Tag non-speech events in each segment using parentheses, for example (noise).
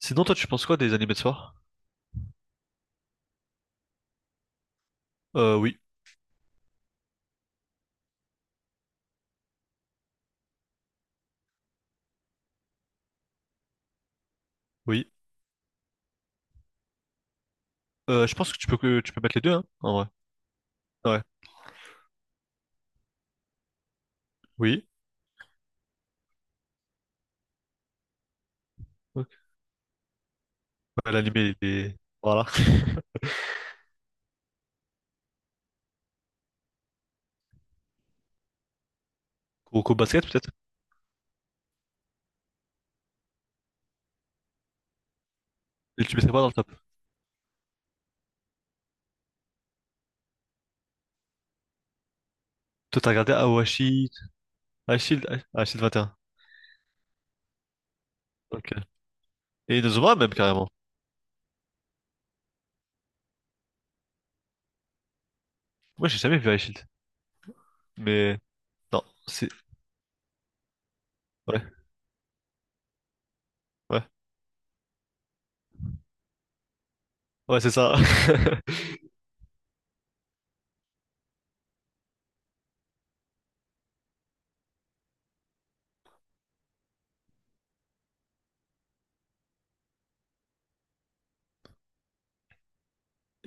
Sinon, toi, tu penses quoi des animés de soir? Oui, oui. Je pense que tu peux mettre les deux, hein, en vrai. Ouais, oui. Ok. Bah, l'animé, il est... Voilà. (laughs) Kuroko Basket, peut-être? Et tu mettrais pas dans le top. Toi, t'as regardé Awashi... Ashield... Ah, Ashield 21. Ok. Et Inazuma, même, carrément. Moi, j'ai jamais vu Ashield. Mais... Non, c'est... Ouais, ouais. Ouais, c'est ça. (laughs)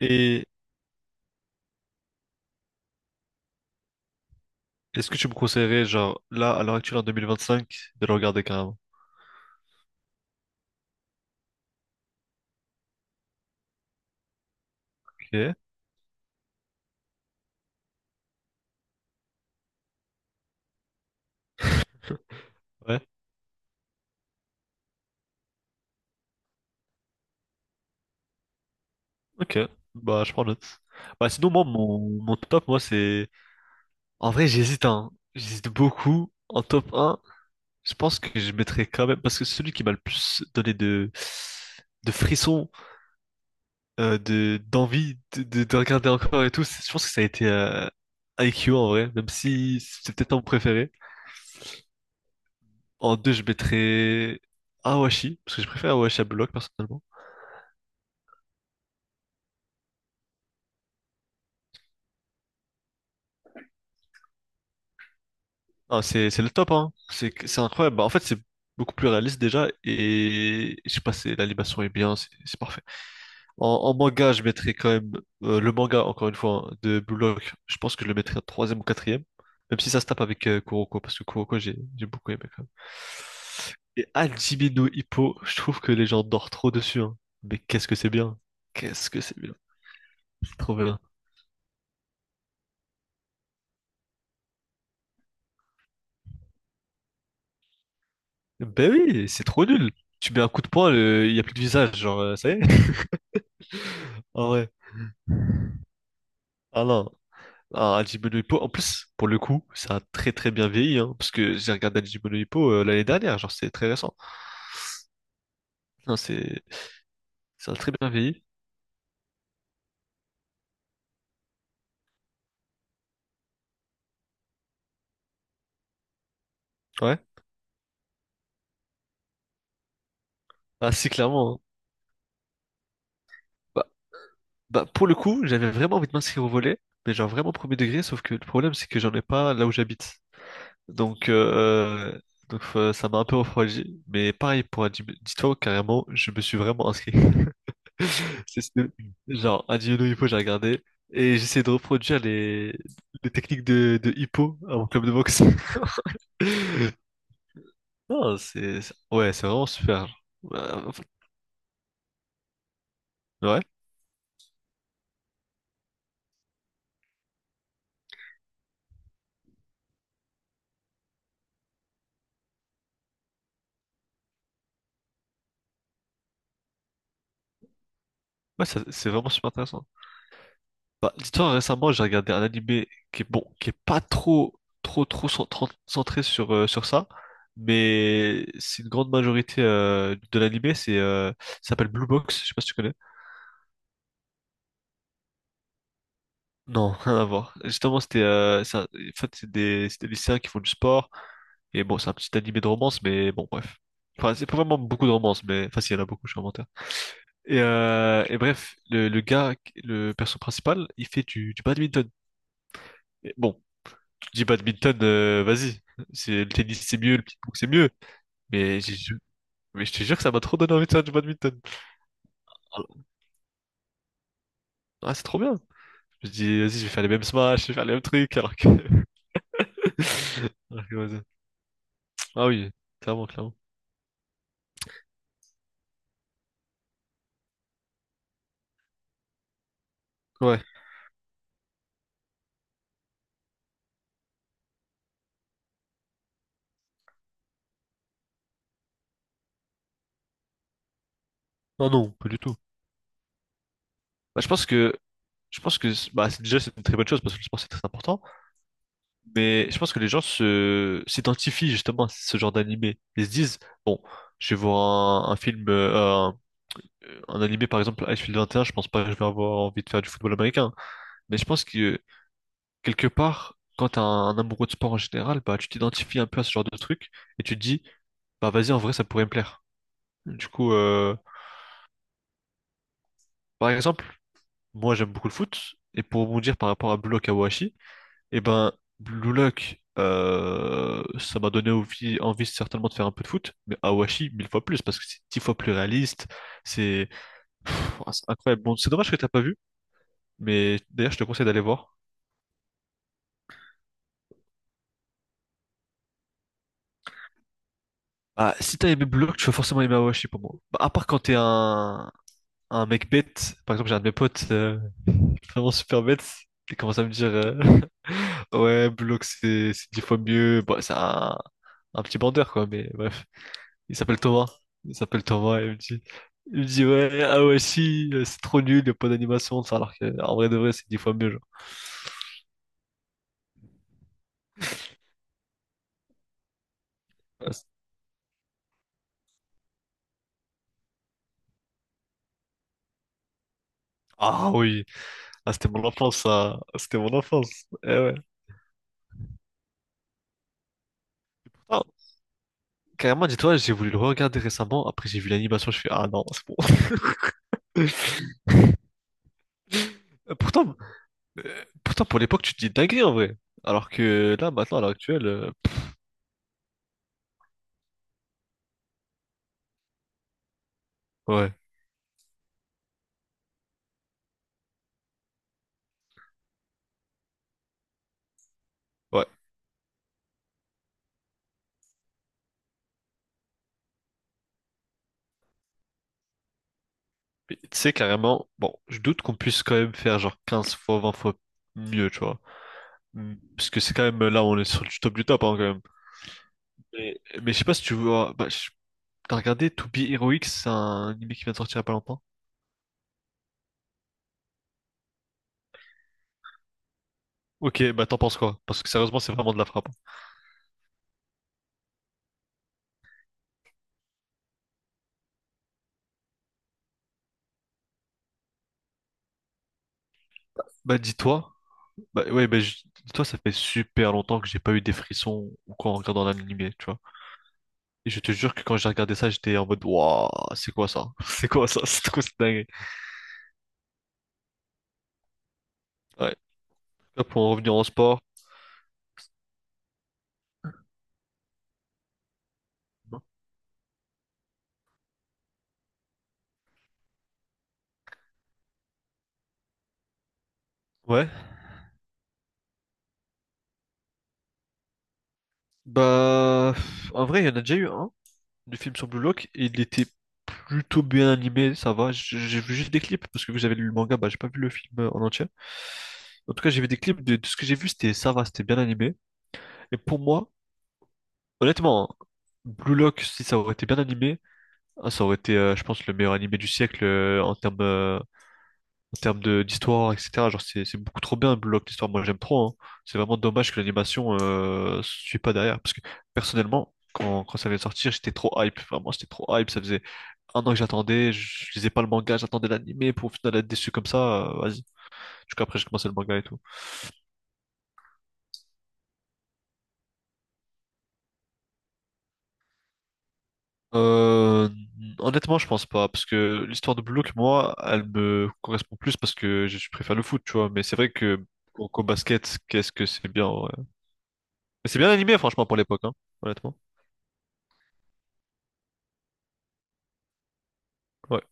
Et est-ce que tu me conseillerais, genre, là, à l'heure actuelle, en 2025, de le regarder, carrément? Ok. Ouais. Ok, bah je prends note. Bah sinon moi mon top moi c'est. En vrai j'hésite hein. J'hésite beaucoup. En top un. Je pense que je mettrais quand même. Parce que celui qui m'a le plus donné de frissons, de d'envie de regarder encore et tout, je pense que ça a été I Q en vrai, même si c'est peut-être pas mon préféré. En deux je mettrais Awashi, parce que je préfère Awashi à Block personnellement. Ah, c'est le top, hein. C'est incroyable. Bah, en fait, c'est beaucoup plus réaliste déjà. Et je sais pas, c'est l'animation est bien, c'est parfait. En manga, je mettrais quand même le manga, encore une fois, hein, de Blue Lock. Je pense que je le mettrais en troisième ou quatrième. Même si ça se tape avec Kuroko, parce que Kuroko, j'ai beaucoup aimé quand même. Et Hajime no Ippo, je trouve que les gens dorment trop dessus, hein. Mais qu'est-ce que c'est bien. Qu'est-ce que c'est bien. C'est trop bien. Ben oui, c'est trop nul. Tu mets un coup de poing, il n'y a plus de visage, genre, ça y est. (laughs) Ah ouais. Ah non. Ah, Hajime no Ippo, en plus, pour le coup, ça a très très bien vieilli, hein, parce que j'ai regardé Hajime no Ippo l'année dernière, genre c'est très récent. Non, c'est ça a très bien vieilli. Ouais. Ah si, clairement, hein. Bah, bah, pour le coup, j'avais vraiment envie de m'inscrire au volet, mais genre vraiment premier degré, sauf que le problème c'est que j'en ai pas là où j'habite. Donc euh, donc, ça m'a un peu refroidi, mais pareil pour Hajime, dis-toi carrément, je me suis vraiment inscrit. (laughs) C'est ce- Genre, un no hippo, j'ai regardé. Et j'essaie de reproduire les techniques de hippo à mon club de boxe. (laughs) Non, ouais, c'est vraiment super. Ouais, en ouais, ouais, c'est vraiment super intéressant. Bah, dis-toi, récemment, j'ai regardé un animé qui est bon, qui est pas trop, trop, trop centré sur, sur ça. Mais c'est une grande majorité de l'animé, ça s'appelle Blue Box, je sais pas si tu connais. Non, (laughs) rien à voir. Justement, en fait, c'est des lycéens qui font du sport. Et bon, c'est un petit animé de romance, mais bon, bref. Enfin, c'est pas vraiment beaucoup de romance, mais enfin, si, il y en a beaucoup, je suis un menteur. Et, bref, le gars, le perso principal, il fait du badminton. Et bon, tu dis badminton, vas-y. Le tennis, c'est mieux, le ping-pong, c'est mieux. Mais, j'ai ju- mais, je te jure que ça m'a trop donné envie de faire du badminton. Ah, c'est trop bien. Je me dis, vas-y, je vais faire les mêmes smash, je vais faire les mêmes trucs, alors que... (laughs) alors que, vas-y. Ah oui, clairement, clairement. Ouais. Non, non, pas du tout. Bah, je pense que bah, déjà c'est une très bonne chose parce que le sport c'est très important, mais je pense que les gens se s'identifient justement à ce genre d'animé. Ils se disent bon, je vais voir un film un, un animé par exemple Icefield 21, je pense pas que je vais avoir envie de faire du football américain, mais je pense que quelque part quand t'es un amoureux de sport en général, bah tu t'identifies un peu à ce genre de truc et tu te dis bah vas-y en vrai ça pourrait me plaire. Du coup, par exemple, moi j'aime beaucoup le foot et pour rebondir par rapport à Bloc. Eh ben, Blue Lock, ça m'a donné envie, envie certainement de faire un peu de foot, mais Awashi, 1000 fois plus, parce que c'est 10 fois plus réaliste, c'est pff, ah, c'est incroyable. Bon, c'est dommage que t'as pas vu, mais d'ailleurs, je te conseille d'aller voir. Ah, si t'as aimé Blue Lock, tu vas forcément aimer Awashi pour moi. Bah, à part quand t'es un mec bête, par exemple, j'ai un de mes potes vraiment super bête, il commence à me dire (laughs) Ouais, Blue Lock, c'est 10 fois mieux. Bon, c'est un petit bandeur, quoi, mais bref. Il s'appelle Thomas. Il s'appelle Thomas et il me dit ouais, ah ouais, si, c'est trop nul, il n'y a pas d'animation, ça, alors que, en vrai de vrai, c'est 10 fois mieux, genre. Ah c'est- ah oui, ah, c'était mon enfance, ça. Ah, c'était mon enfance. Eh ouais. Ah, carrément, dis-toi, j'ai voulu le regarder récemment, après j'ai vu l'animation, je fais, ah non, c'est bon. (laughs) Euh, Pourtant, pourtant, pour l'époque, tu te dis dinguerie en vrai. Alors que là, maintenant, à l'heure actuelle, ouais, ouais. Mais tu sais, carrément, bon, je doute qu'on puisse quand même faire genre 15 fois, 20 fois mieux, tu vois. Hmm. Parce que c'est quand même là, on est sur du top hein, quand même. Mais, je sais pas si tu vois. Bah, t'as regardé To Be Heroic, c'est un anime qui vient de sortir il y a pas longtemps. Ok, bah t'en penses quoi? Parce que sérieusement, c'est vraiment de la frappe. Bah dis-toi, bah ouais, dis-toi, ça fait super longtemps que j'ai pas eu des frissons ou quoi en regardant l'anime, tu vois. Et je te jure que quand j'ai regardé ça, j'étais en mode, waouh, c'est quoi ça? (laughs) C'est quoi ça? C'est quoi cette dinguerie? Ouais. Là, pour en revenir en sport. Ouais. Bah, en vrai, il y en a déjà eu un, du film sur Blue Lock et il était plutôt bien animé, ça va. J'ai vu juste des clips parce que vous avez lu le manga, bah, j'ai pas vu le film en entier. En tout cas, j'ai vu des clips de ce que j'ai vu, c'était ça va, c'était bien animé. Et pour moi, honnêtement, Blue Lock, si ça aurait été bien animé, ah, ça aurait été, je pense, le meilleur animé du siècle en termes de d'histoire, etc. Genre, c'est beaucoup trop bien, Block, l'histoire. Moi, j'aime trop, hein. C'est vraiment dommage que l'animation suit pas derrière. Parce que personnellement, quand ça allait sortir, j'étais trop hype. Vraiment, j'étais trop hype. Ça faisait un an que j'attendais. Je lisais pas le manga, j'attendais l'animé pour au final être déçu comme ça, vas-y. Du coup, après, j'ai commencé le manga et tout. Euh, Honnêtement, je pense pas. Parce que l'histoire de Block, moi, elle me correspond plus parce que je préfère le foot, tu vois. Mais c'est vrai que. Au basket, qu'est-ce que c'est bien, ouais. Mais c'est bien animé, franchement, pour l'époque, hein, honnêtement. Ouais.